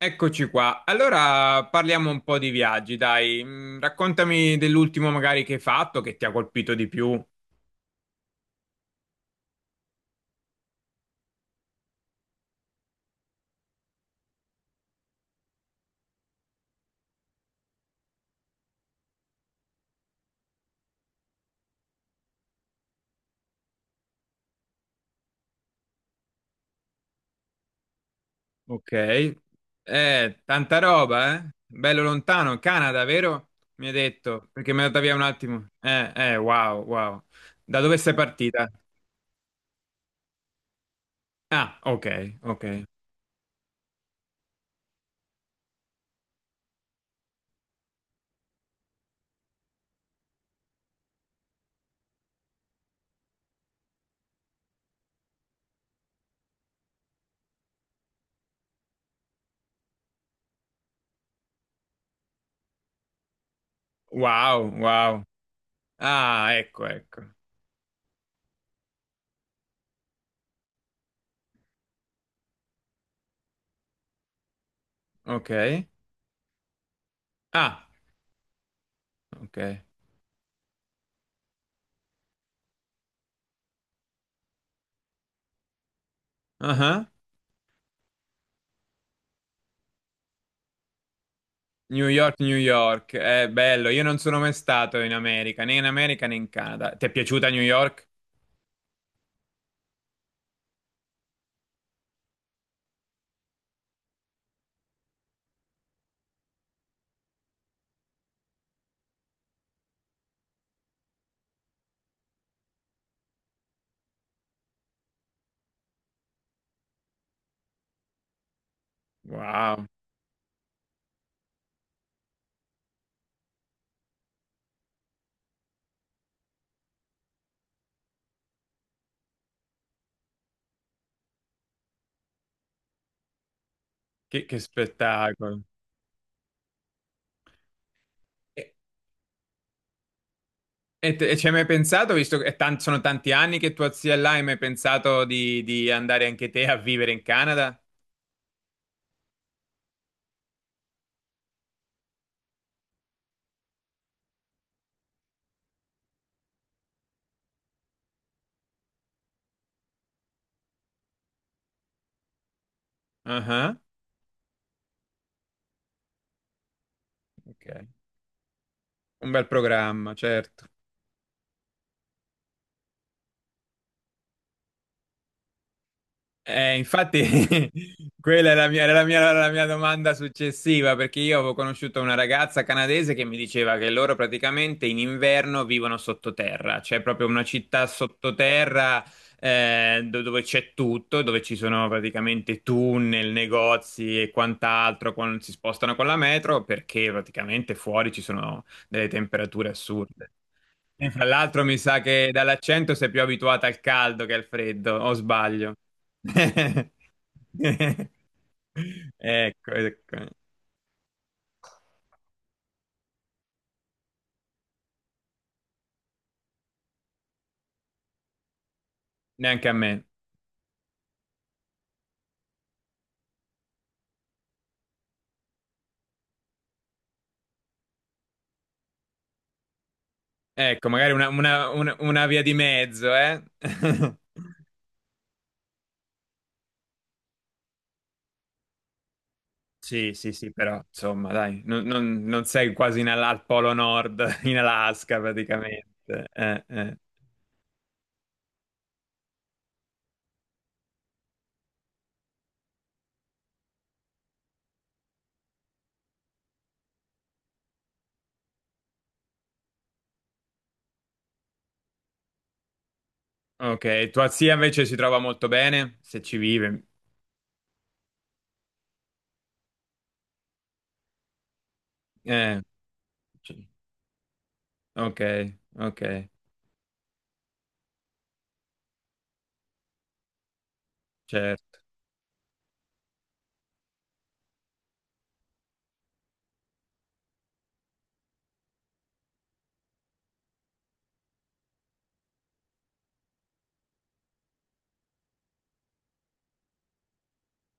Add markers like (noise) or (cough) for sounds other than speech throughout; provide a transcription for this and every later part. Eccoci qua. Allora parliamo un po' di viaggi, dai. Raccontami dell'ultimo magari che hai fatto, che ti ha colpito di più. Ok. Tanta roba, eh? Bello lontano, Canada, vero? Mi hai detto, perché mi è andata via un attimo. Wow, wow. Da dove sei partita? Ah, ok, ok. Wow, wow. Ah, ecco, ecco. Ok. Ah, ok. Ah. New York, New York, è bello. Io non sono mai stato in America, né in America né in Canada. Ti è piaciuta New York? Wow, che spettacolo. E, e ci hai mai pensato, visto che sono tanti anni che tua zia è là, hai mai pensato di, andare anche te a vivere in Canada? Ah, ah, ok, un bel programma, certo. Infatti, (laughs) quella è la mia- era la mia domanda successiva, perché io avevo conosciuto una ragazza canadese che mi diceva che loro praticamente in inverno vivono sottoterra, c'è proprio una città sottoterra dove c'è tutto, dove ci sono praticamente tunnel, negozi e quant'altro, quando si spostano con la metro, perché praticamente fuori ci sono delle temperature assurde. E fra l'altro mi sa che dall'accento sei più abituata al caldo che al freddo, o sbaglio? (laughs) Ecco, ecco. Neanche a me. Ecco, magari una via di mezzo, eh? (laughs) Sì, sì, sì, però insomma, dai, non sei quasi in al Polo Nord, (laughs) in Alaska praticamente. Ok, tua zia invece si trova molto bene, se ci vive. Eh, c- ok, ok, certo.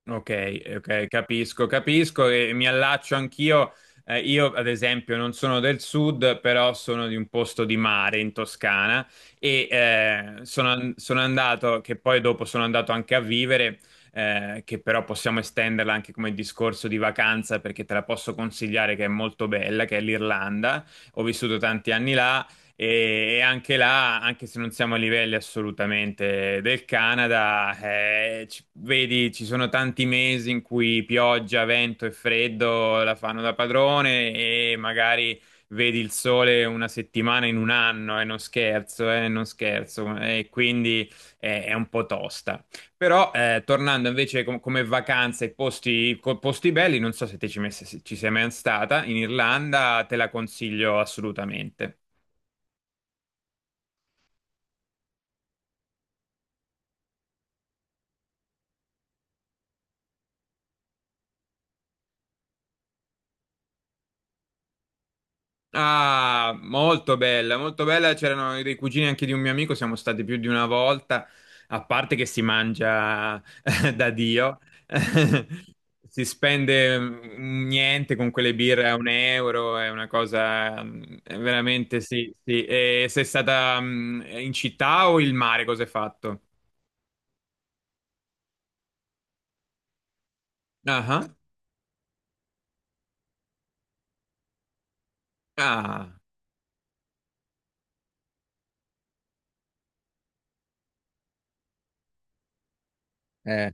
Ok, ok, capisco, capisco e mi allaccio anch'io. Io, ad esempio, non sono del sud, però sono di un posto di mare in Toscana e sono andato, che poi dopo sono andato anche a vivere, che però possiamo estenderla anche come discorso di vacanza perché te la posso consigliare che è molto bella, che è l'Irlanda. Ho vissuto tanti anni là e anche là, anche se non siamo a livelli assolutamente del Canada, vedi, ci sono tanti mesi in cui pioggia, vento e freddo la fanno da padrone e magari vedi il sole una settimana in un anno, e non scherzo, non scherzo, e quindi è un po' tosta. Però tornando invece come vacanze e posti, posti belli, non so se te ci sei mai stata in Irlanda, te la consiglio assolutamente. Ah, molto bella, molto bella. C'erano dei cugini anche di un mio amico, siamo stati più di una volta, a parte che si mangia (laughs) da Dio, (laughs) si spende niente con quelle birre a un euro, è una cosa è veramente sì, sì. E sei stata in città o il mare, cosa hai fatto? Ah, ah, ah, eh,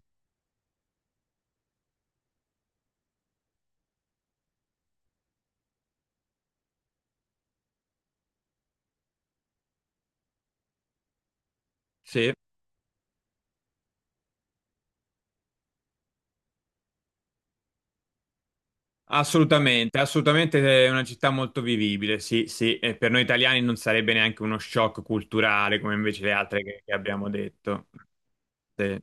sì. Assolutamente, assolutamente è una città molto vivibile, sì, sì, e per noi italiani non sarebbe neanche uno shock culturale come invece le altre che abbiamo detto. Sì.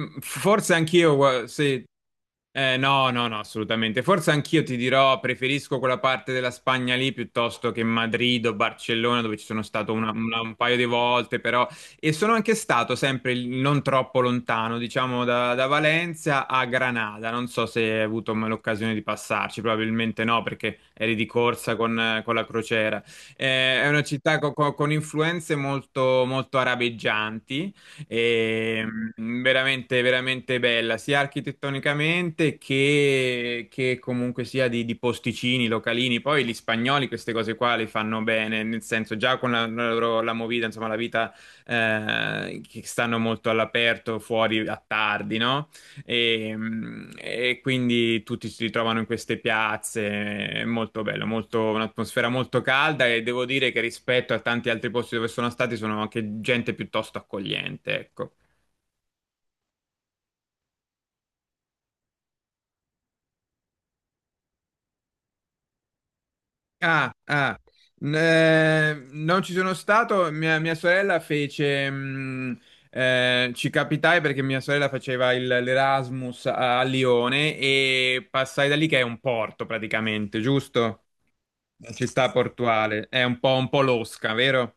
Forse anch'io, sì. No, no, no, assolutamente. Forse anch'io ti dirò, preferisco quella parte della Spagna lì piuttosto che Madrid o Barcellona, dove ci sono stato un paio di volte, però. E sono anche stato sempre non troppo lontano, diciamo da Valencia a Granada. Non so se hai avuto mai l'occasione di passarci, probabilmente no, perché eri di corsa con la crociera. È una città con influenze molto, molto arabeggianti. E, veramente, veramente bella, sia architettonicamente che comunque sia di posticini, localini. Poi gli spagnoli queste cose qua le fanno bene, nel senso già con la loro la movida, insomma la vita che stanno molto all'aperto, fuori a tardi, no? E quindi tutti si ritrovano in queste piazze, è molto bello, molto, un'atmosfera molto calda e devo dire che rispetto a tanti altri posti dove sono stati sono anche gente piuttosto accogliente, ecco. Ah, ah, non ci sono stato, mia sorella ci capitai perché mia sorella faceva l'Erasmus a Lione e passai da lì che è un porto praticamente, giusto? Ci sta Portuale, è un po' losca, vero?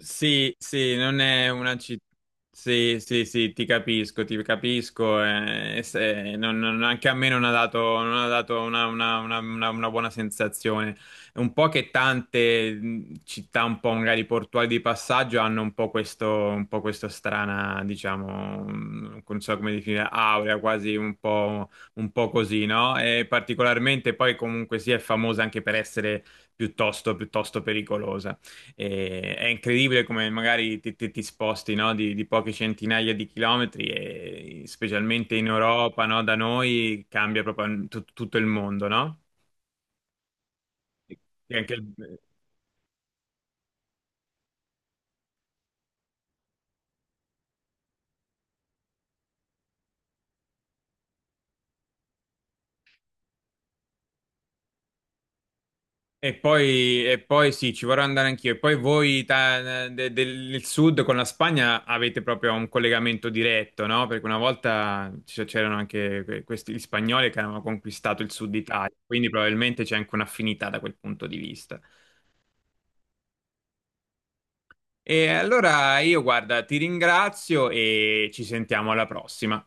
Sì, sì, non è una città. Sì, sì, sì, ti capisco, ti capisco. Anche a me non ha dato una buona sensazione. È un po' che tante città, un po' magari portuali di passaggio, hanno un po' questo strana, diciamo, non so come definire, aurea, quasi un po' così, no? E particolarmente poi comunque sì, è famosa anche per essere piuttosto, piuttosto pericolosa. E è incredibile come magari ti sposti, no, di poche centinaia di chilometri e specialmente in Europa, no, da noi cambia proprio tutto il mondo, no? E, anche il- e poi, e poi sì, ci vorrò andare anch'io. E poi voi del sud con la Spagna avete proprio un collegamento diretto, no? Perché una volta c'erano anche questi gli spagnoli che avevano conquistato il sud Italia, quindi probabilmente c'è anche un'affinità da quel punto di vista. E allora io, guarda, ti ringrazio e ci sentiamo alla prossima.